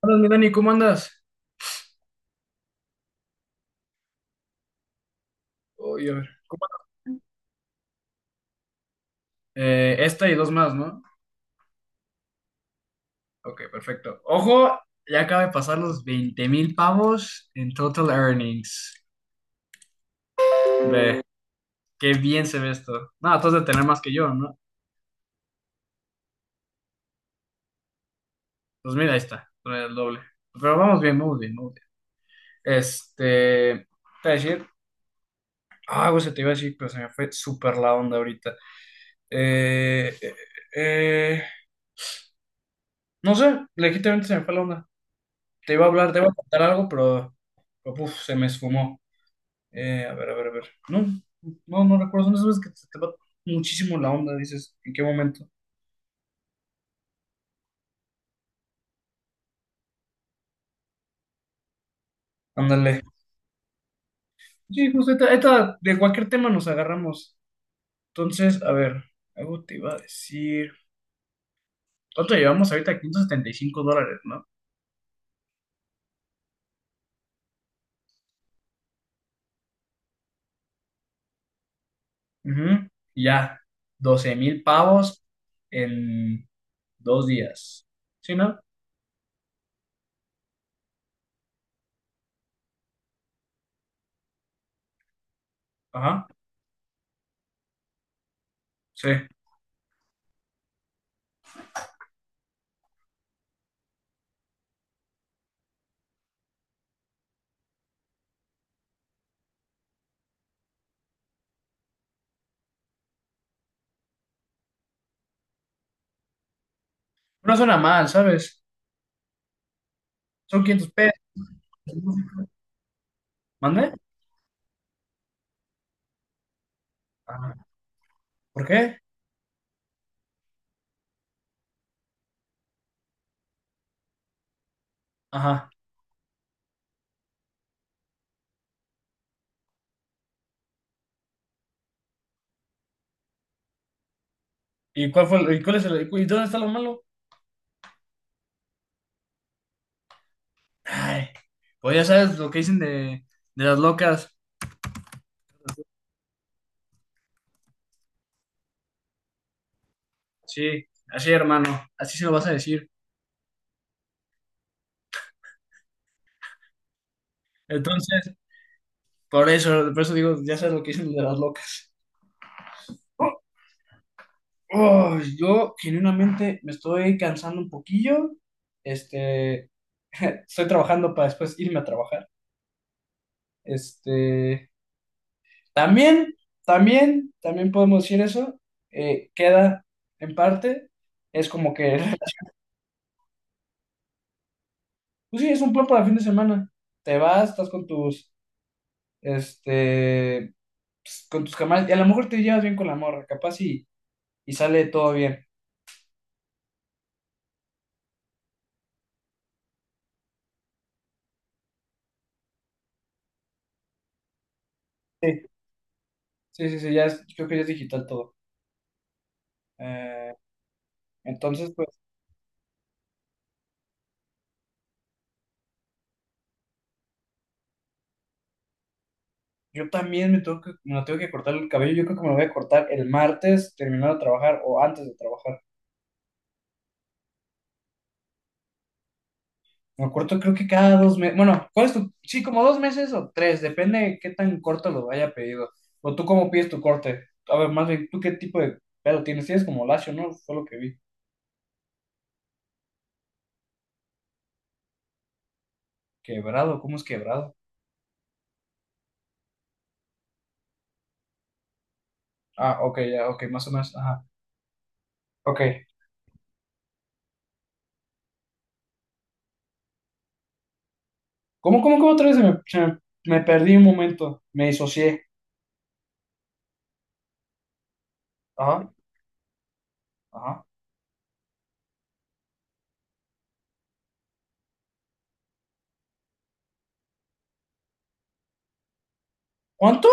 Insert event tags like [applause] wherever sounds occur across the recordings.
Hola, mi Dani, ¿cómo andas? Oye, a ver, ¿esta y dos más, ¿no? Ok, perfecto. Ojo, ya acaba de pasar los 20,000 pavos en total earnings. Ve, qué bien se ve esto. No, tú has de tener más que yo, ¿no? Pues mira, ahí está, el doble. Pero vamos bien, vamos bien, vamos bien. Este, te iba a decir, ah, güey, se te iba a decir, pero se me fue súper la onda ahorita. Eh, eh, eh, no sé, legítimamente se me fue la onda. Te iba a hablar, te iba a contar algo, pero puf, se me esfumó. A ver, a ver, a ver. No, no, no recuerdo. Son esas veces que te va muchísimo la onda, dices, ¿en qué momento? Ándale. Sí, justo, esta ahorita de cualquier tema nos agarramos. Entonces, a ver, algo te iba a decir. ¿Cuánto llevamos ahorita? $575, ¿no? Ujú. Y ya, 12,000 pavos en 2 días. ¿Sí, no? Ajá, sí. No suena mal, ¿sabes? Son 500 pesos. ¿No? ¿Mande? Ajá. ¿Por qué? Ajá. ¿Y cuál fue, y cuál es y dónde está lo malo? Ay, pues ya sabes lo que dicen de las locas. Sí, así hermano, así se lo vas a decir. Entonces, por eso digo, ya sabes lo que dicen de las locas. Oh, yo genuinamente me estoy cansando un poquillo. Este, [laughs] estoy trabajando para después irme a trabajar. Este, también, también podemos decir eso. Queda en parte, es como que [laughs] Pues sí, es un plan para fin de semana. Te vas, estás con tus, este, pues, con tus camaradas, y a lo mejor te llevas bien con la morra, capaz y sale todo bien. Sí. Sí, sí, sí, creo que ya es digital todo. Eh, entonces, pues yo también me lo tengo que cortar el cabello. Yo creo que me lo voy a cortar el martes, terminando de trabajar o antes de trabajar. Me acuerdo, creo que cada 2 meses. Bueno, ¿cuál es tu? Sí, como 2 meses o tres, depende de qué tan corto lo haya pedido. O tú cómo pides tu corte. A ver, más bien, ¿tú qué tipo de pelo tienes? Tienes como lacio, ¿no? Fue lo que vi. Quebrado, ¿cómo es quebrado? Ah, ok, ya, ok, más o menos. Ajá, ok. ¿Cómo otra vez me perdí un momento? Me disocié. Ajá, ajá. ¿Cuánto?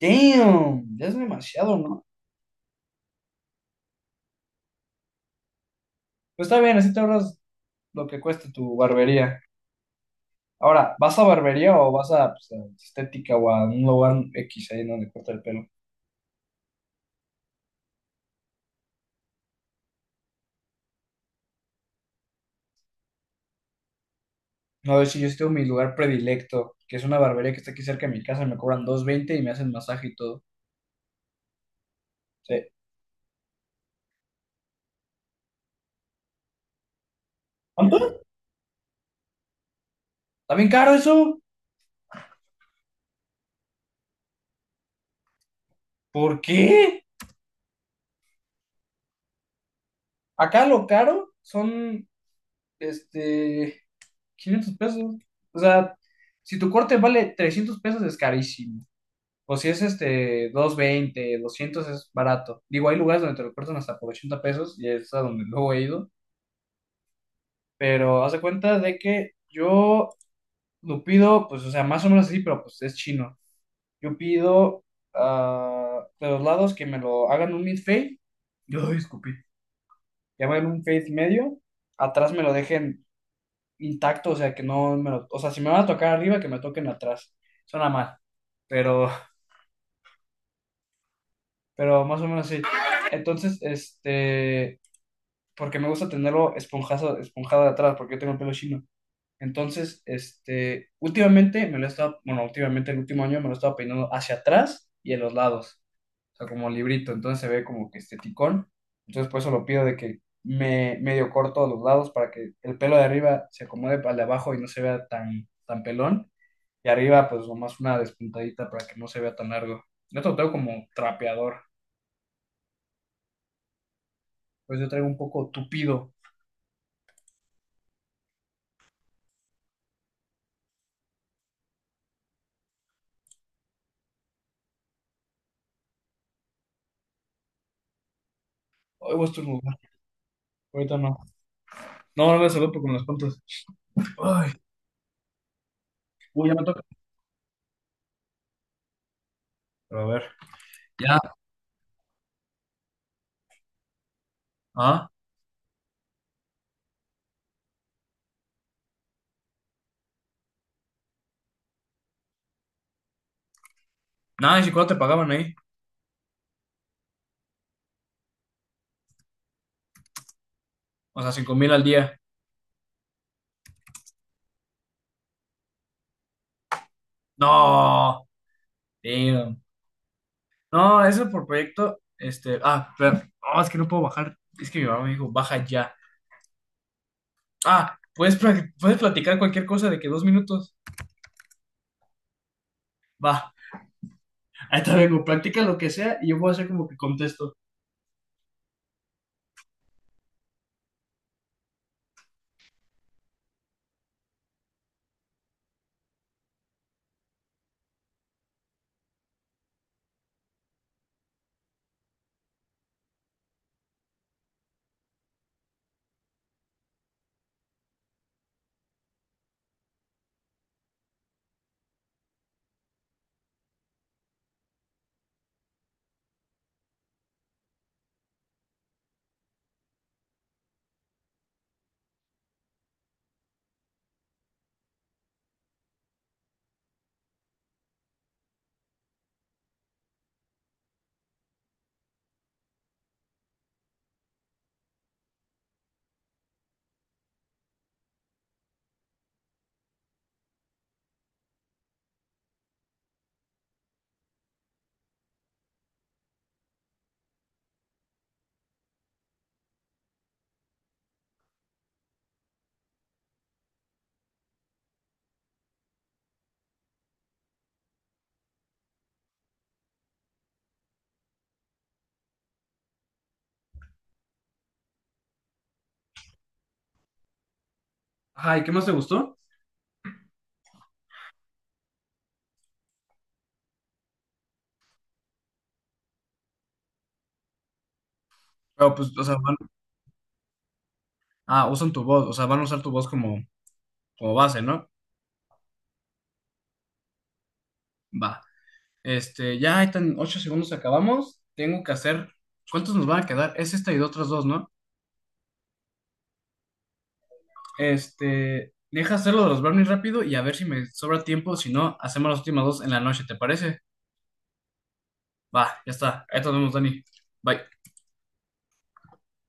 Damn, ya es demasiado, ¿no? Pues está bien, así te ahorras lo que cueste tu barbería. Ahora, ¿vas a barbería o vas a, pues, a estética o a un lugar X ahí donde corta el pelo? No, de hecho, yo estoy en mi lugar predilecto, que es una barbería que está aquí cerca de mi casa, me cobran 220 y me hacen masaje y todo. Sí. ¿Cuánto? ¿Está bien caro eso? ¿Por qué? Acá lo caro son, este, 500 pesos. O sea, si tu corte vale 300 pesos es carísimo. O si es, este, 220 200 es barato. Digo, hay lugares donde te lo cortan hasta por 80 pesos y es a donde luego he ido. Pero haz de cuenta de que yo lo pido, pues, o sea, más o menos así, pero pues es chino. Yo pido ah, de los lados que me lo hagan un mid-fade. Yo escupí. Que me hagan un fade medio. Atrás me lo dejen intacto, o sea, que no me lo. O sea, si me van a tocar arriba, que me toquen atrás. Suena mal, pero, pero más o menos así. Entonces, este. Porque me gusta tenerlo esponjado, esponjado de atrás, porque yo tengo el pelo chino. Entonces, este, últimamente me lo he estado, bueno, últimamente el último año me lo he estado peinando hacia atrás y en los lados, o sea, como librito, entonces se ve como que este. Entonces, por eso lo pido de que me medio corto los lados para que el pelo de arriba se acomode al de abajo y no se vea tan, tan pelón. Y arriba, pues nomás una despuntadita para que no se vea tan largo. Yo te lo traigo como trapeador, pues yo traigo un poco tupido. Hoy voy a estornudar, ahorita no. No, no me saludo con las puntas. Ay, uy, ya me toca. Pero a ver, ya, ah. Nada, ¿y cuánto te pagaban ahí? O sea, 5,000 al día. No, damn. No, eso por proyecto, este, ah, espera. No, es que no puedo bajar. Es que mi mamá me dijo, baja ya. Ah, puedes, puedes platicar cualquier cosa de que 2 minutos. Va, ahí te vengo, practica lo que sea y yo voy a hacer como que contesto. Ajá, ¿y qué más te gustó? Pero pues, o sea, ah, usan tu voz, o sea, van a usar tu voz como base, ¿no? Va. Este, ya ahí están 8 segundos acabamos. Tengo que hacer, ¿cuántos nos van a quedar? Es esta y de otras dos, ¿no? Este, deja hacer lo de los brownies rápido y a ver si me sobra tiempo. Si no, hacemos las últimas dos en la noche, ¿te parece? Va, ya está. Ahí nos vemos, Dani. Bye.